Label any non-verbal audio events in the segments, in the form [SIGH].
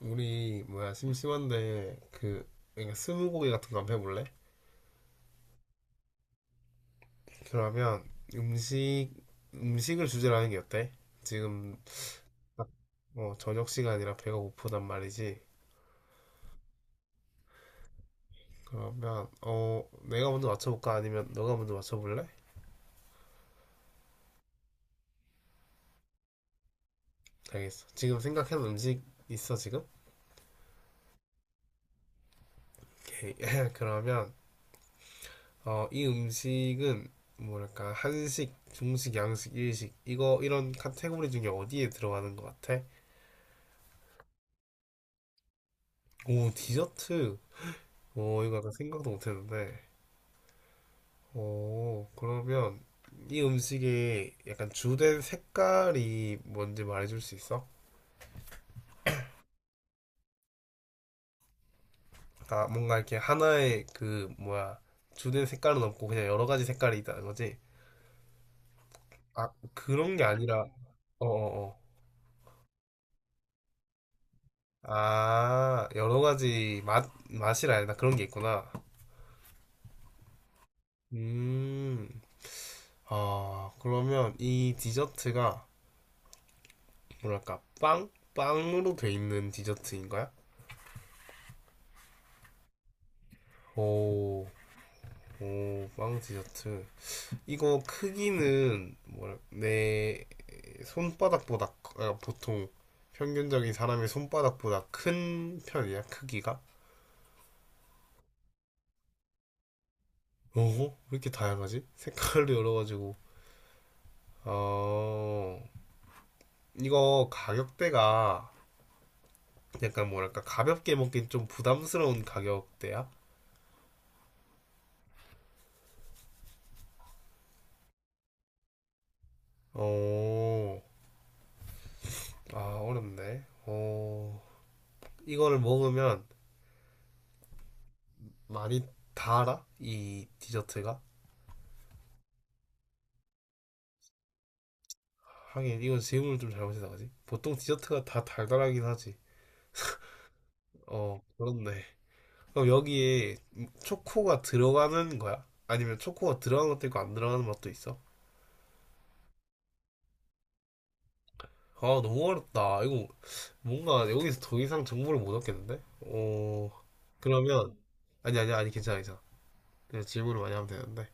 우리 뭐야 심심한데 그러니까 스무고개 같은 거 한번 해볼래? 그러면 음식 음식을 주제로 하는 게 어때? 지금 딱, 저녁 시간이라 배가 고프단 말이지. 그러면 내가 먼저 맞춰볼까? 아니면 너가 먼저 맞춰볼래? 알겠어. 지금 생각한 음식 있어 지금? 오케이. [LAUGHS] 그러면 이 음식은 뭐랄까 한식, 중식, 양식, 일식 이거 이런 카테고리 중에 어디에 들어가는 것 같아? 오, 디저트. 오, 이거 약간 생각도 못했는데. 오, 그러면 이 음식의 약간 주된 색깔이 뭔지 말해줄 수 있어? 아, 뭔가 이렇게 하나의 그 뭐야 주된 색깔은 없고 그냥 여러 가지 색깔이 있다는 거지? 아, 그런 게 아니라, 어어어. 아, 여러 가지 맛 맛이라 해야 되 그런 게 있구나. 음, 아, 그러면 이 디저트가 뭐랄까 빵 빵으로 돼 있는 디저트인 거야? 오. 오, 빵 디저트. 이거 크기는 뭐라 내 손바닥보다 아, 보통 평균적인 사람의 손바닥보다 큰 편이야, 크기가. 오호, 왜 이렇게 다양하지? 색깔도 여러 가지고. 어, 이거 가격대가 약간 뭐랄까 가볍게 먹긴 좀 부담스러운 가격대야. 어, 아, 어렵네. 이거를 먹으면 많이 달아? 이 디저트가? 하긴 이건 질문을 좀 잘못했다 그지? 보통 디저트가 다 달달하긴 하지. 그렇네. 그럼 여기에 초코가 들어가는 거야? 아니면 초코가 들어가는 것도 있고 안 들어가는 맛도 있어? 아, 너무 어렵다. 이거 뭔가 여기서 더 이상 정보를 못 얻겠는데? 그러면 아니 아니 아니 괜찮아 괜찮아. 그냥 질문을 많이 하면 되는데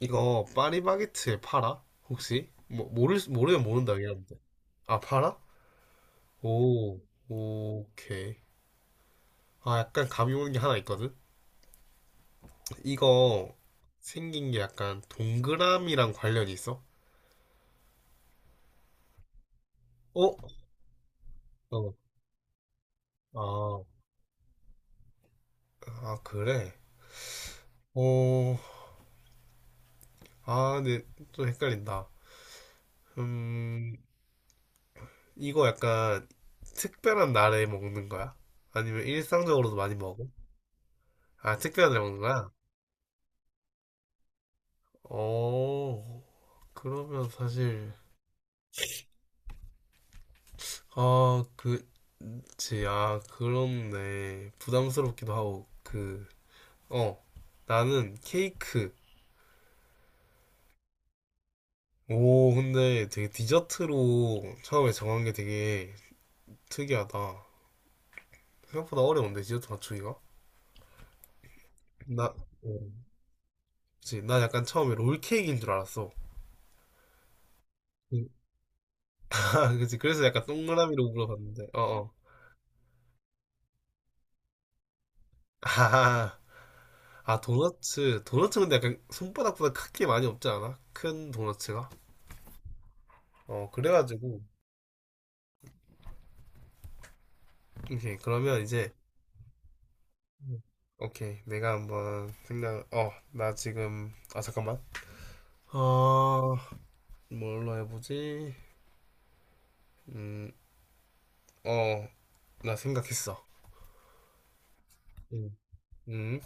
이거 파리바게트에 팔아? 혹시? 뭐 모르면 모른다 그냥. 아, 팔아? 오, 오케이. 아, 약간 감이 오는 게 하나 있거든. 이거 생긴 게 약간 동그라미랑 관련이 있어? 어? 어. 아, 아, 그래? 어, 아, 근데 좀 헷갈린다. 음, 이거 약간 특별한 날에 먹는 거야? 아니면 일상적으로도 많이 먹어? 아, 특별한 날에 먹는 거야? 어, 그러면 사실, 아, 그치, 아, 그렇네. 부담스럽기도 하고, 어, 나는 케이크. 오, 근데 되게 디저트로 처음에 정한 게 되게 특이하다. 생각보다 어려운데, 디저트 맞추기가? 나, 그치. 나 약간 처음에 롤케이크인 줄 알았어. 음, [LAUGHS] 아, 그치. 그래서 약간 동그라미로 물어봤는데, 어, 어. [LAUGHS] 아, 아, 도너츠. 도너츠 근데 약간 손바닥보다 크게 많이 없지 않아? 큰 도너츠가? 그래가지고. 오케이. 그러면 이제, 오케이. 내가 한번 생각, 나 지금, 아, 잠깐만. 어, 뭘로 해보지? 음, 어, 나 생각했어. 음, 음,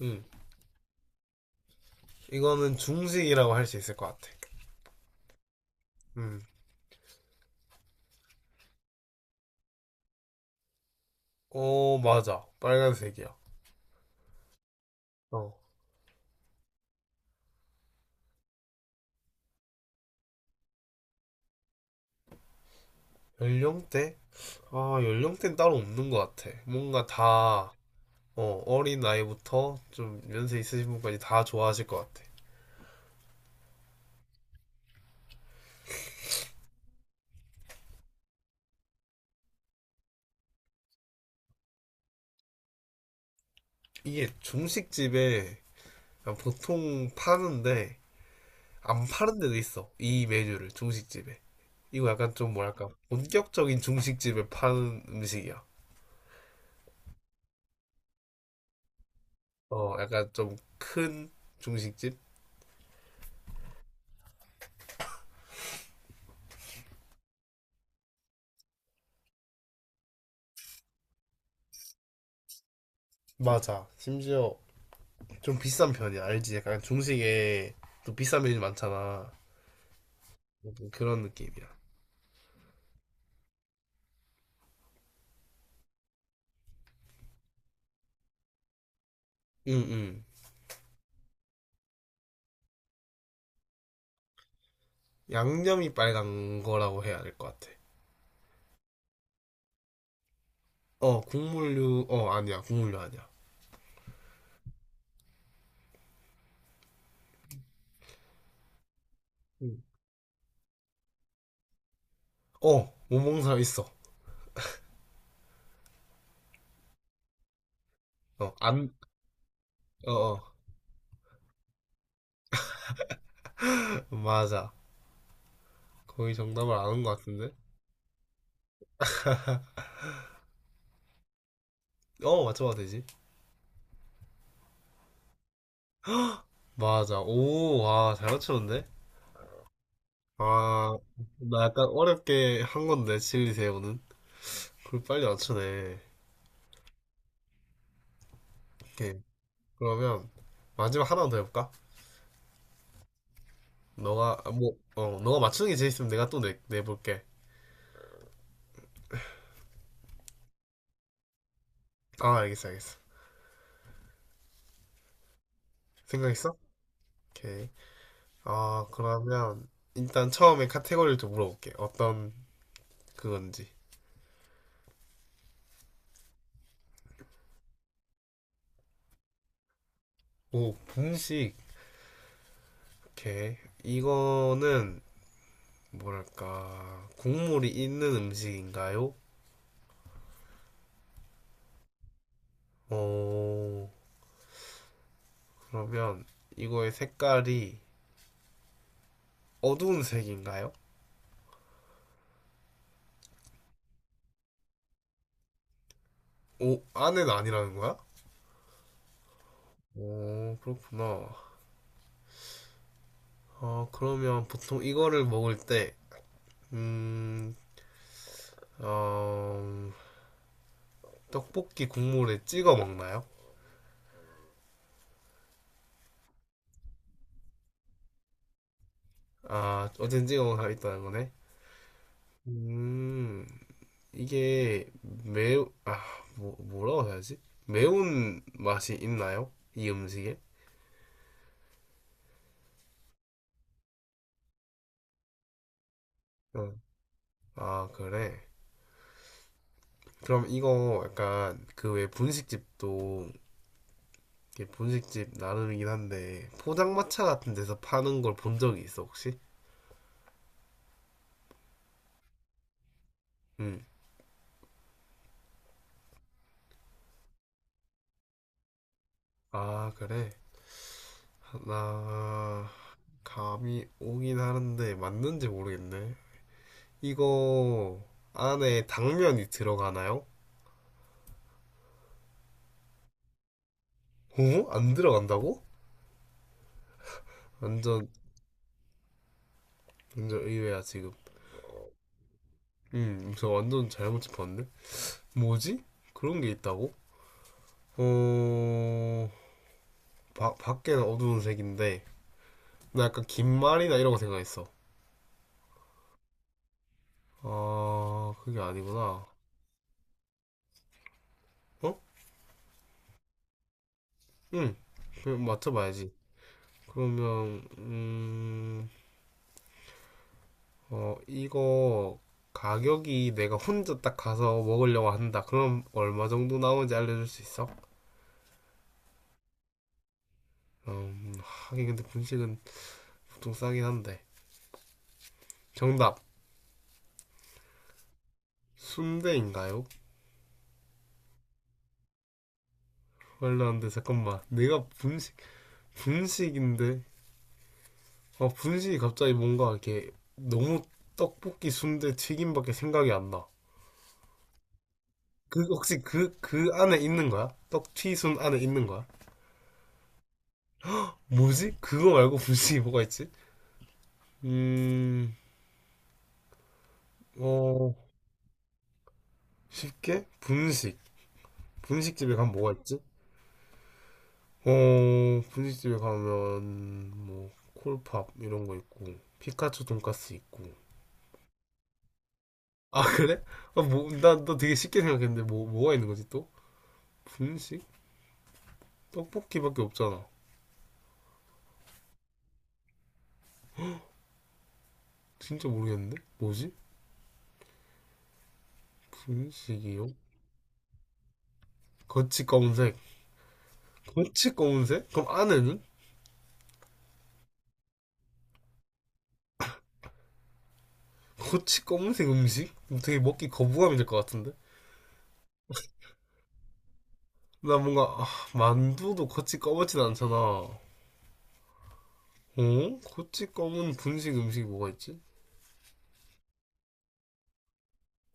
음. 이거는 중식이라고 할 수 있을 것 같아. 음. 어, 맞아. 빨간색이야. 어. 연령대? 아, 연령대는 따로 없는 것 같아. 뭔가 다, 어린 나이부터 좀 연세 있으신 분까지 다 좋아하실 것 같아. 이게 중식집에 그냥 보통 파는데, 안 파는 데도 있어. 이 메뉴를, 중식집에. 이거 약간 좀 뭐랄까, 본격적인 중식집에 파는 음식이야. 약간 좀 큰 중식집? 맞아. 심지어 좀 비싼 편이야. 알지? 약간 중식에 또 비싼 메뉴 많잖아. 그런 느낌이야. 응, 응. 양념이 빨간 거라고 해야 될 것 같아. 국물류, 아니야. 국물류 아니야. 응. 못 먹는 사람 있어. 어, 안, 어, 어. [LAUGHS] 맞아. 거의 정답을 아는 것 같은데? 맞춰봐도 되지. 맞아. 오, 와, 잘 맞추는데? 아, 나 약간 어렵게 한 건데, 칠리 새우는. 그걸 빨리 맞추네. 오케이. 그러면 마지막 하나 더 해볼까? 너가 아, 뭐 어, 너가 맞추는 게 재밌으면 내가 또 내볼게. 아, 알겠어, 알겠어. 생각했어? 오케이. 아, 그러면 일단 처음에 카테고리를 좀 물어볼게. 어떤 그건지. 오, 분식. 오케이. 이거는 뭐랄까 국물이 있는 음식인가요? 오, 그러면 이거의 색깔이 어두운 색인가요? 오, 안에는 아니라는 거야? 오, 그렇구나. 그러면 보통 이거를 먹을 때, 음, 어, 떡볶이 국물에 찍어 먹나요? 아, 어쨌든 찍어 먹겠다는 거네. 음, 이게 매우, 뭐라고 해야지? 매운 맛이 있나요? 이 음식에? 어. 아, 그래. 그럼 이거 약간 그 왜 분식집도 이게 분식집 나름이긴 한데 포장마차 같은 데서 파는 걸 본 적이 있어, 혹시? 음. 아, 그래? 나 감이 오긴 하는데 맞는지 모르겠네. 이거 안에 당면이 들어가나요? 어? 안 들어간다고? 완전 완전 의외야 지금. 저 완전 잘못 짚었는데? 뭐지? 그런 게 있다고? 어, 밖에는 어두운 색인데 나 약간 김말이나 이런 거 생각했어. 아, 그게 아니구나. 어? 응, 그럼 맞춰봐야지. 그러면 이거 가격이 내가 혼자 딱 가서 먹으려고 한다. 그럼 얼마 정도 나오는지 알려줄 수 있어? 하긴 근데 분식은 보통 싸긴 한데. 정답, 순대인가요? 말려는데 잠깐만, 내가 분식인데? 분식이 갑자기 뭔가 이렇게 너무 떡볶이, 순대, 튀김밖에 생각이 안 나. 그, 혹시 그, 그 안에 있는 거야? 떡튀순 안에 있는 거야? 뭐지? 그거 말고 분식이 뭐가 있지? 음, 어, 쉽게 분식. 분식집에 가면 뭐가 있지? 분식집에 가면 뭐 콜팝 이런 거 있고 피카츄 돈까스 있고. 아, 그래? 아, 뭐, 나, 너 되게 쉽게 생각했는데 뭐가 있는 거지 또? 분식? 떡볶이밖에 없잖아. 진짜 모르겠는데? 뭐지? 분식이요? 거치 검은색. 거치 검은색? 그럼 안에는? 거치 검은색 음식? 되게 먹기 거부감이 들 것 같은데? 나 뭔가 만두도 거치 검은진 않잖아. 어? 고치 검은 분식 음식이 뭐가 있지?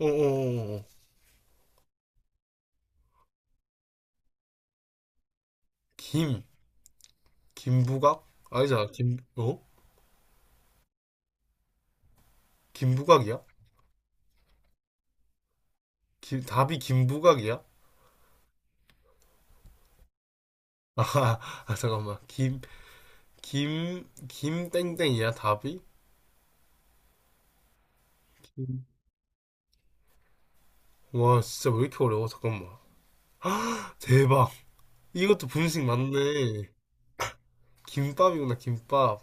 어어어어. 김. 김부각? 아니잖아. 김, 어? 김부각이야? 김, 답이 김부각이야? [LAUGHS] 아, 아, 잠깐만. 김땡땡이야, 답이? 김. 와, 진짜 왜 이렇게 어려워? 잠깐만. 대박. 이것도 분식 맞네. 김밥이구나, 김밥.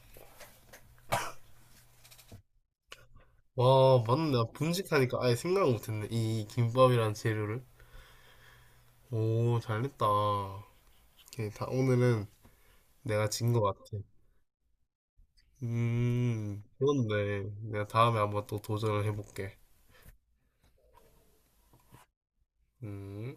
와, 맞네. 나 분식하니까 아예 생각을 못했네. 이 김밥이라는 재료를. 오, 잘됐다. 오케이, 다, 오늘은 내가 진 것 같아. 그렇네. 내가 다음에 한번 또 도전을 해볼게. 음.